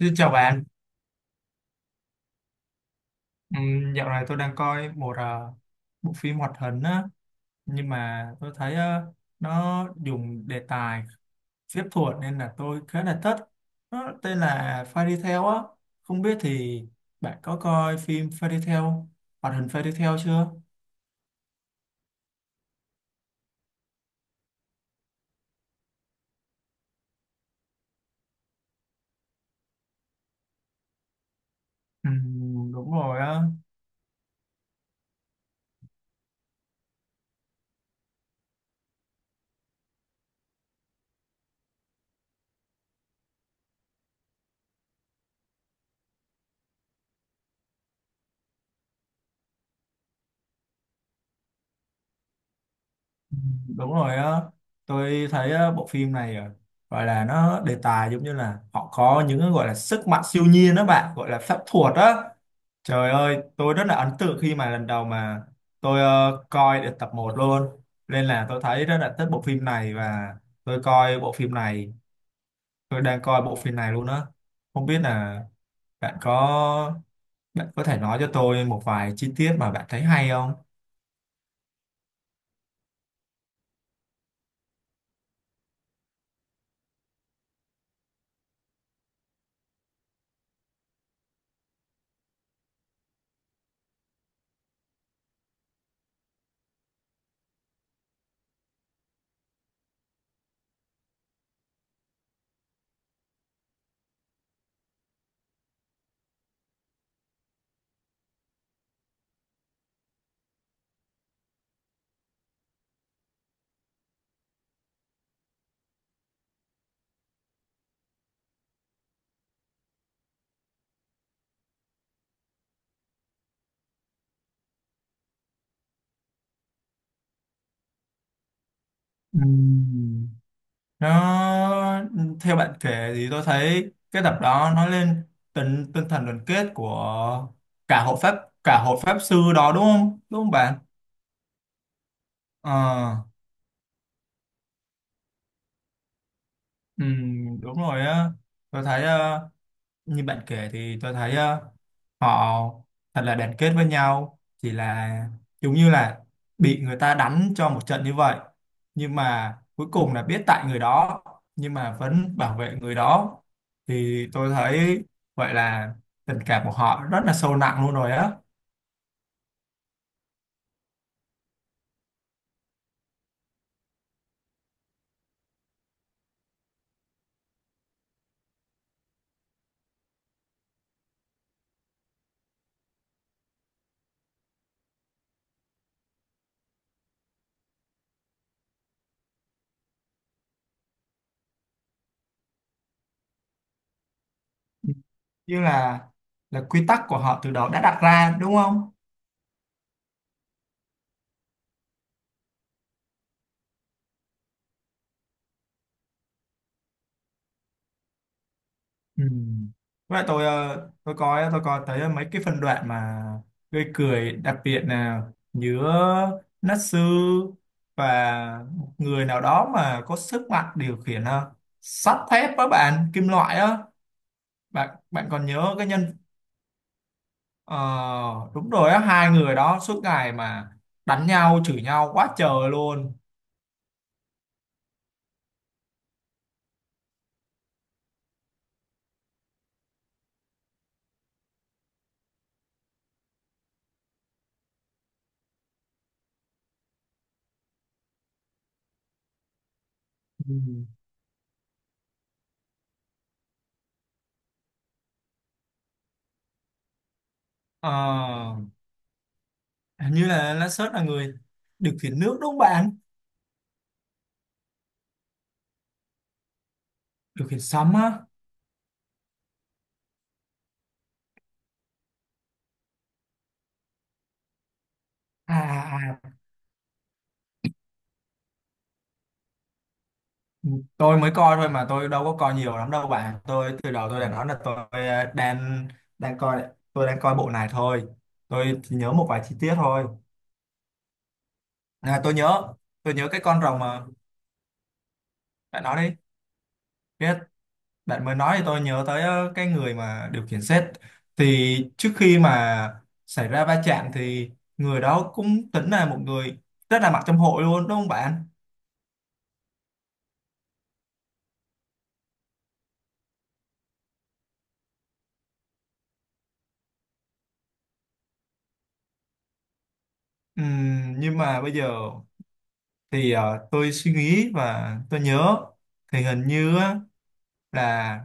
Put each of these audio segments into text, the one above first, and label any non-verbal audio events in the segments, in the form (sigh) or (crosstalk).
Xin chào bạn. Dạo này tôi đang coi một bộ phim hoạt hình á, nhưng mà tôi thấy nó dùng đề tài phép thuật nên là tôi khá là thích. Nó tên là Fairy Tail á, không biết thì bạn có coi phim Fairy Tail, hoạt hình Fairy Tail chưa? Đúng rồi á. Ừm, đúng rồi á, tôi thấy bộ phim này gọi là nó đề tài giống như là họ có những cái gọi là sức mạnh siêu nhiên đó bạn, gọi là phép thuật á. Trời ơi, tôi rất là ấn tượng khi mà lần đầu mà tôi coi được tập một luôn. Nên là tôi thấy rất là thích bộ phim này và tôi coi bộ phim này, tôi đang coi bộ phim này luôn á. Không biết là bạn có bạn có thể nói cho tôi một vài chi tiết mà bạn thấy hay không? Ừm. Nó theo bạn kể thì tôi thấy cái tập đó nói lên tinh tinh thần đoàn kết của cả hộ pháp cả hộ pháp sư đó, đúng không? Đúng không bạn? Ờ. Ừ, đúng rồi á, tôi thấy như bạn kể thì tôi thấy họ thật là đoàn kết với nhau, chỉ là giống như là bị người ta đánh cho một trận như vậy, nhưng mà cuối cùng là biết tại người đó nhưng mà vẫn bảo vệ người đó, thì tôi thấy vậy là tình cảm của họ rất là sâu nặng luôn rồi á, như là quy tắc của họ từ đầu đã đặt ra, đúng không. Ừ. Vậy tôi có thấy mấy cái phân đoạn mà gây cười, đặc biệt là nhớ Natsu và một người nào đó mà có sức mạnh điều khiển sắt thép với bạn, kim loại á. Bạn bạn còn nhớ cái nhân ờ, đúng rồi á, hai người đó suốt ngày mà đánh nhau, chửi nhau quá trời luôn. Ừ. Ờ, hình như là Natsu là người điều khiển nước, đúng không bạn, điều khiển sấm á. À, à, à. Ừ, tôi mới coi thôi mà tôi đâu có coi nhiều lắm đâu bạn, tôi từ đầu tôi đã nói là tôi ờ, đang đang coi, tôi đang coi bộ này thôi, tôi chỉ nhớ một vài chi tiết thôi. À, tôi nhớ cái con rồng mà bạn nói đi, biết bạn mới nói thì tôi nhớ tới cái người mà điều khiển xe, thì trước khi mà xảy ra va chạm thì người đó cũng tính là một người rất là mặc trong hội luôn, đúng không bạn. Nhưng mà bây giờ thì tôi suy nghĩ và tôi nhớ thì hình như á, là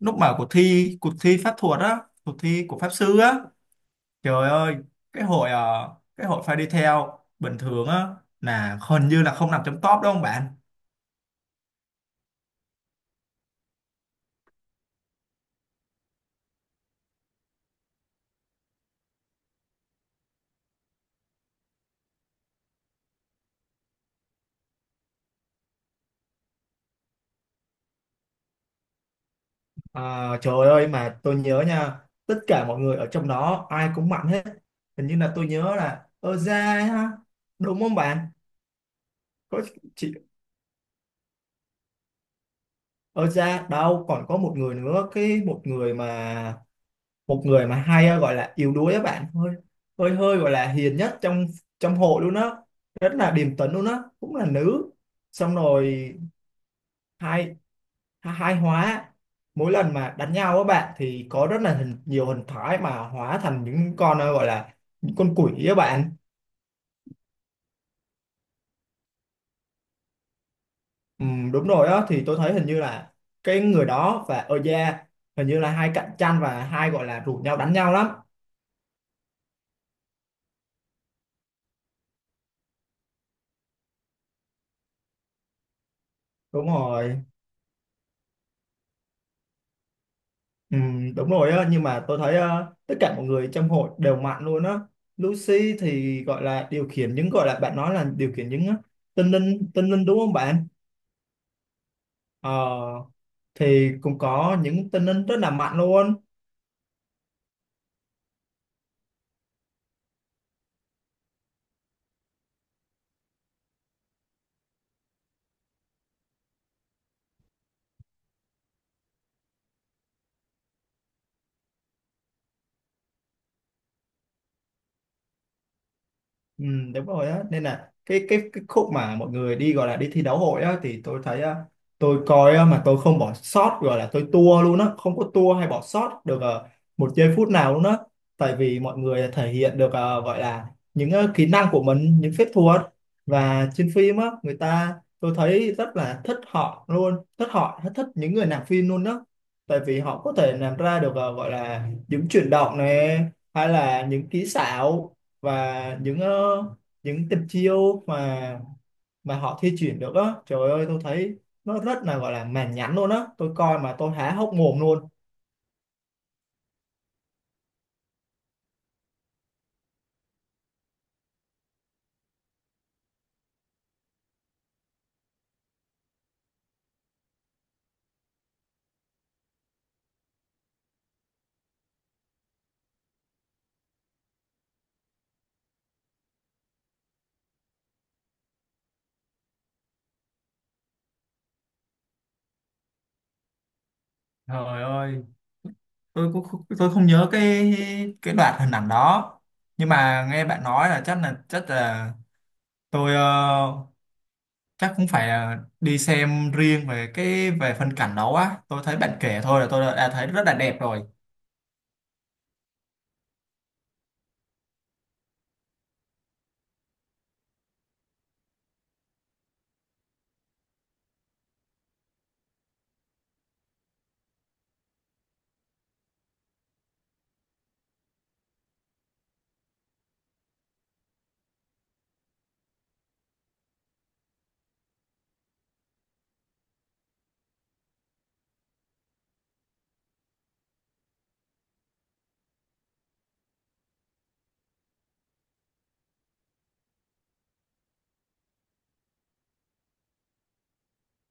lúc mở cuộc thi pháp thuật á, cuộc thi của pháp sư á, trời ơi, cái hội phải đi theo bình thường á, là hình như là không nằm trong top, đúng không bạn. À, trời ơi mà tôi nhớ nha, tất cả mọi người ở trong đó ai cũng mạnh hết, hình như là tôi nhớ là Oza ha, đúng không bạn? Có chị Oza, đâu còn có một người nữa, cái một người mà hay gọi là yếu đuối á bạn, hơi hơi hơi gọi là hiền nhất trong trong hội luôn á, rất là điềm tĩnh luôn á, cũng là nữ. Xong rồi hai hai hóa, mỗi lần mà đánh nhau á bạn thì có rất là nhiều hình thái mà hóa thành những con gọi là những con quỷ á bạn. Ừ, đúng rồi á, thì tôi thấy hình như là cái người đó và Oja hình như là hai cạnh tranh và hai gọi là rủ nhau đánh nhau lắm. Đúng rồi. Ừ, đúng rồi á, nhưng mà tôi thấy tất cả mọi người trong hội đều mạnh luôn á. Lucy thì gọi là điều khiển những, gọi là bạn nói là điều khiển những tinh linh, đúng không bạn. Ờ, thì cũng có những tinh linh rất là mạnh luôn. Ừ, đúng rồi á, nên là cái khúc mà mọi người đi, gọi là đi thi đấu hội á, thì tôi thấy á, tôi coi á, mà tôi không bỏ sót, gọi là tôi tua luôn á, không có tua hay bỏ sót được một giây phút nào luôn á, tại vì mọi người thể hiện được gọi là những kỹ năng của mình, những phép thuật, và trên phim á người ta, tôi thấy rất là thích họ luôn, thích họ, thích những người làm phim luôn đó, tại vì họ có thể làm ra được gọi là những chuyển động này, hay là những kỹ xảo, và những tình chiêu mà họ thi chuyển được á, trời ơi tôi thấy nó rất là, gọi là mãn nhãn luôn á, tôi coi mà tôi há hốc mồm luôn. Trời ơi, tôi cũng không, tôi không nhớ cái đoạn hình ảnh đó. Nhưng mà nghe bạn nói là chắc là tôi, chắc cũng phải đi xem riêng về về phân cảnh đó á. Tôi thấy bạn kể thôi là tôi đã thấy rất là đẹp rồi.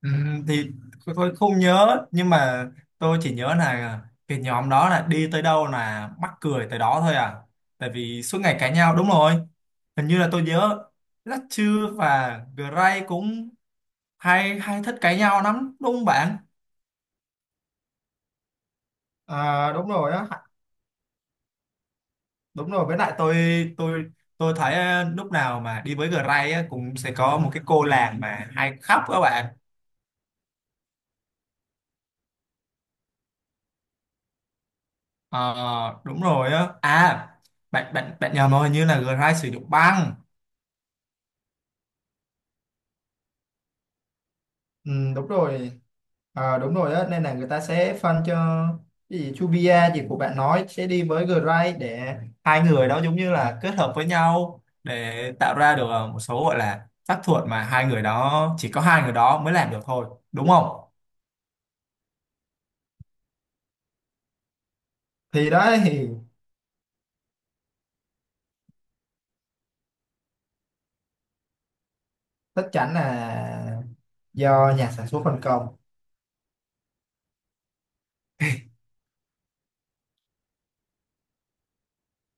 Ừ, thì tôi không nhớ nhưng mà tôi chỉ nhớ là cái nhóm đó là đi tới đâu là mắc cười tới đó thôi à, tại vì suốt ngày cãi nhau, đúng rồi, hình như là tôi nhớ Latchu và Gray cũng hay hay thích cãi nhau lắm, đúng không bạn. À, đúng rồi á, đúng rồi, với lại tôi tôi thấy lúc nào mà đi với Gray á cũng sẽ có một cái cô làng mà hay khóc các bạn. Ờ, đúng rồi á. À bạn bạn bạn nhầm rồi, hình như là Gray sử dụng băng. Ừ, đúng rồi. Ờ, đúng rồi á, nên là người ta sẽ phân cho, cái gì Chubia gì của bạn nói, sẽ đi với Gray để hai người đó giống như là kết hợp với nhau để tạo ra được một số gọi là phép thuật mà hai người đó, chỉ có hai người đó mới làm được thôi, đúng không. Thì đó thì chắc chắn là do nhà sản xuất phân công,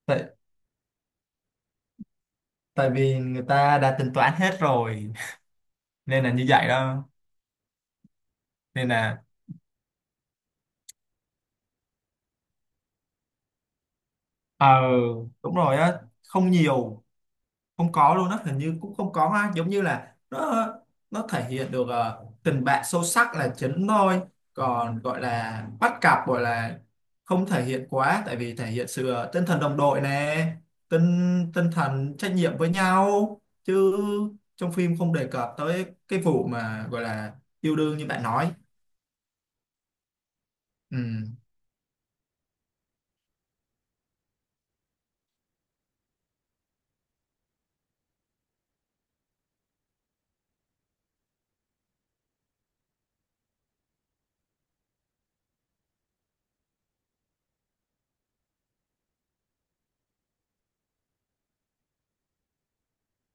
tại, tại vì người ta đã tính toán hết rồi (laughs) nên là như vậy đó. Nên là ờ đúng rồi á, không nhiều, không có luôn á, hình như cũng không có ha, giống như là nó thể hiện được tình bạn sâu sắc là chính thôi, còn gọi là bắt cặp, gọi là không thể hiện quá, tại vì thể hiện sự tinh thần đồng đội nè, tinh tinh thần trách nhiệm với nhau chứ, trong phim không đề cập tới cái vụ mà gọi là yêu đương như bạn nói. Ừ.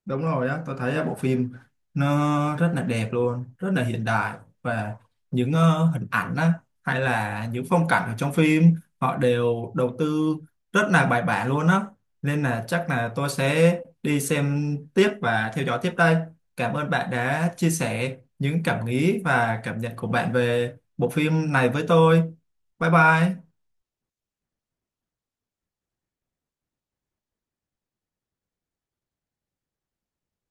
Đúng rồi á, tôi thấy bộ phim nó rất là đẹp luôn, rất là hiện đại, và những hình ảnh á, hay là những phong cảnh ở trong phim họ đều đầu tư rất là bài bản luôn á. Nên là chắc là tôi sẽ đi xem tiếp và theo dõi tiếp đây. Cảm ơn bạn đã chia sẻ những cảm nghĩ và cảm nhận của bạn về bộ phim này với tôi. Bye bye.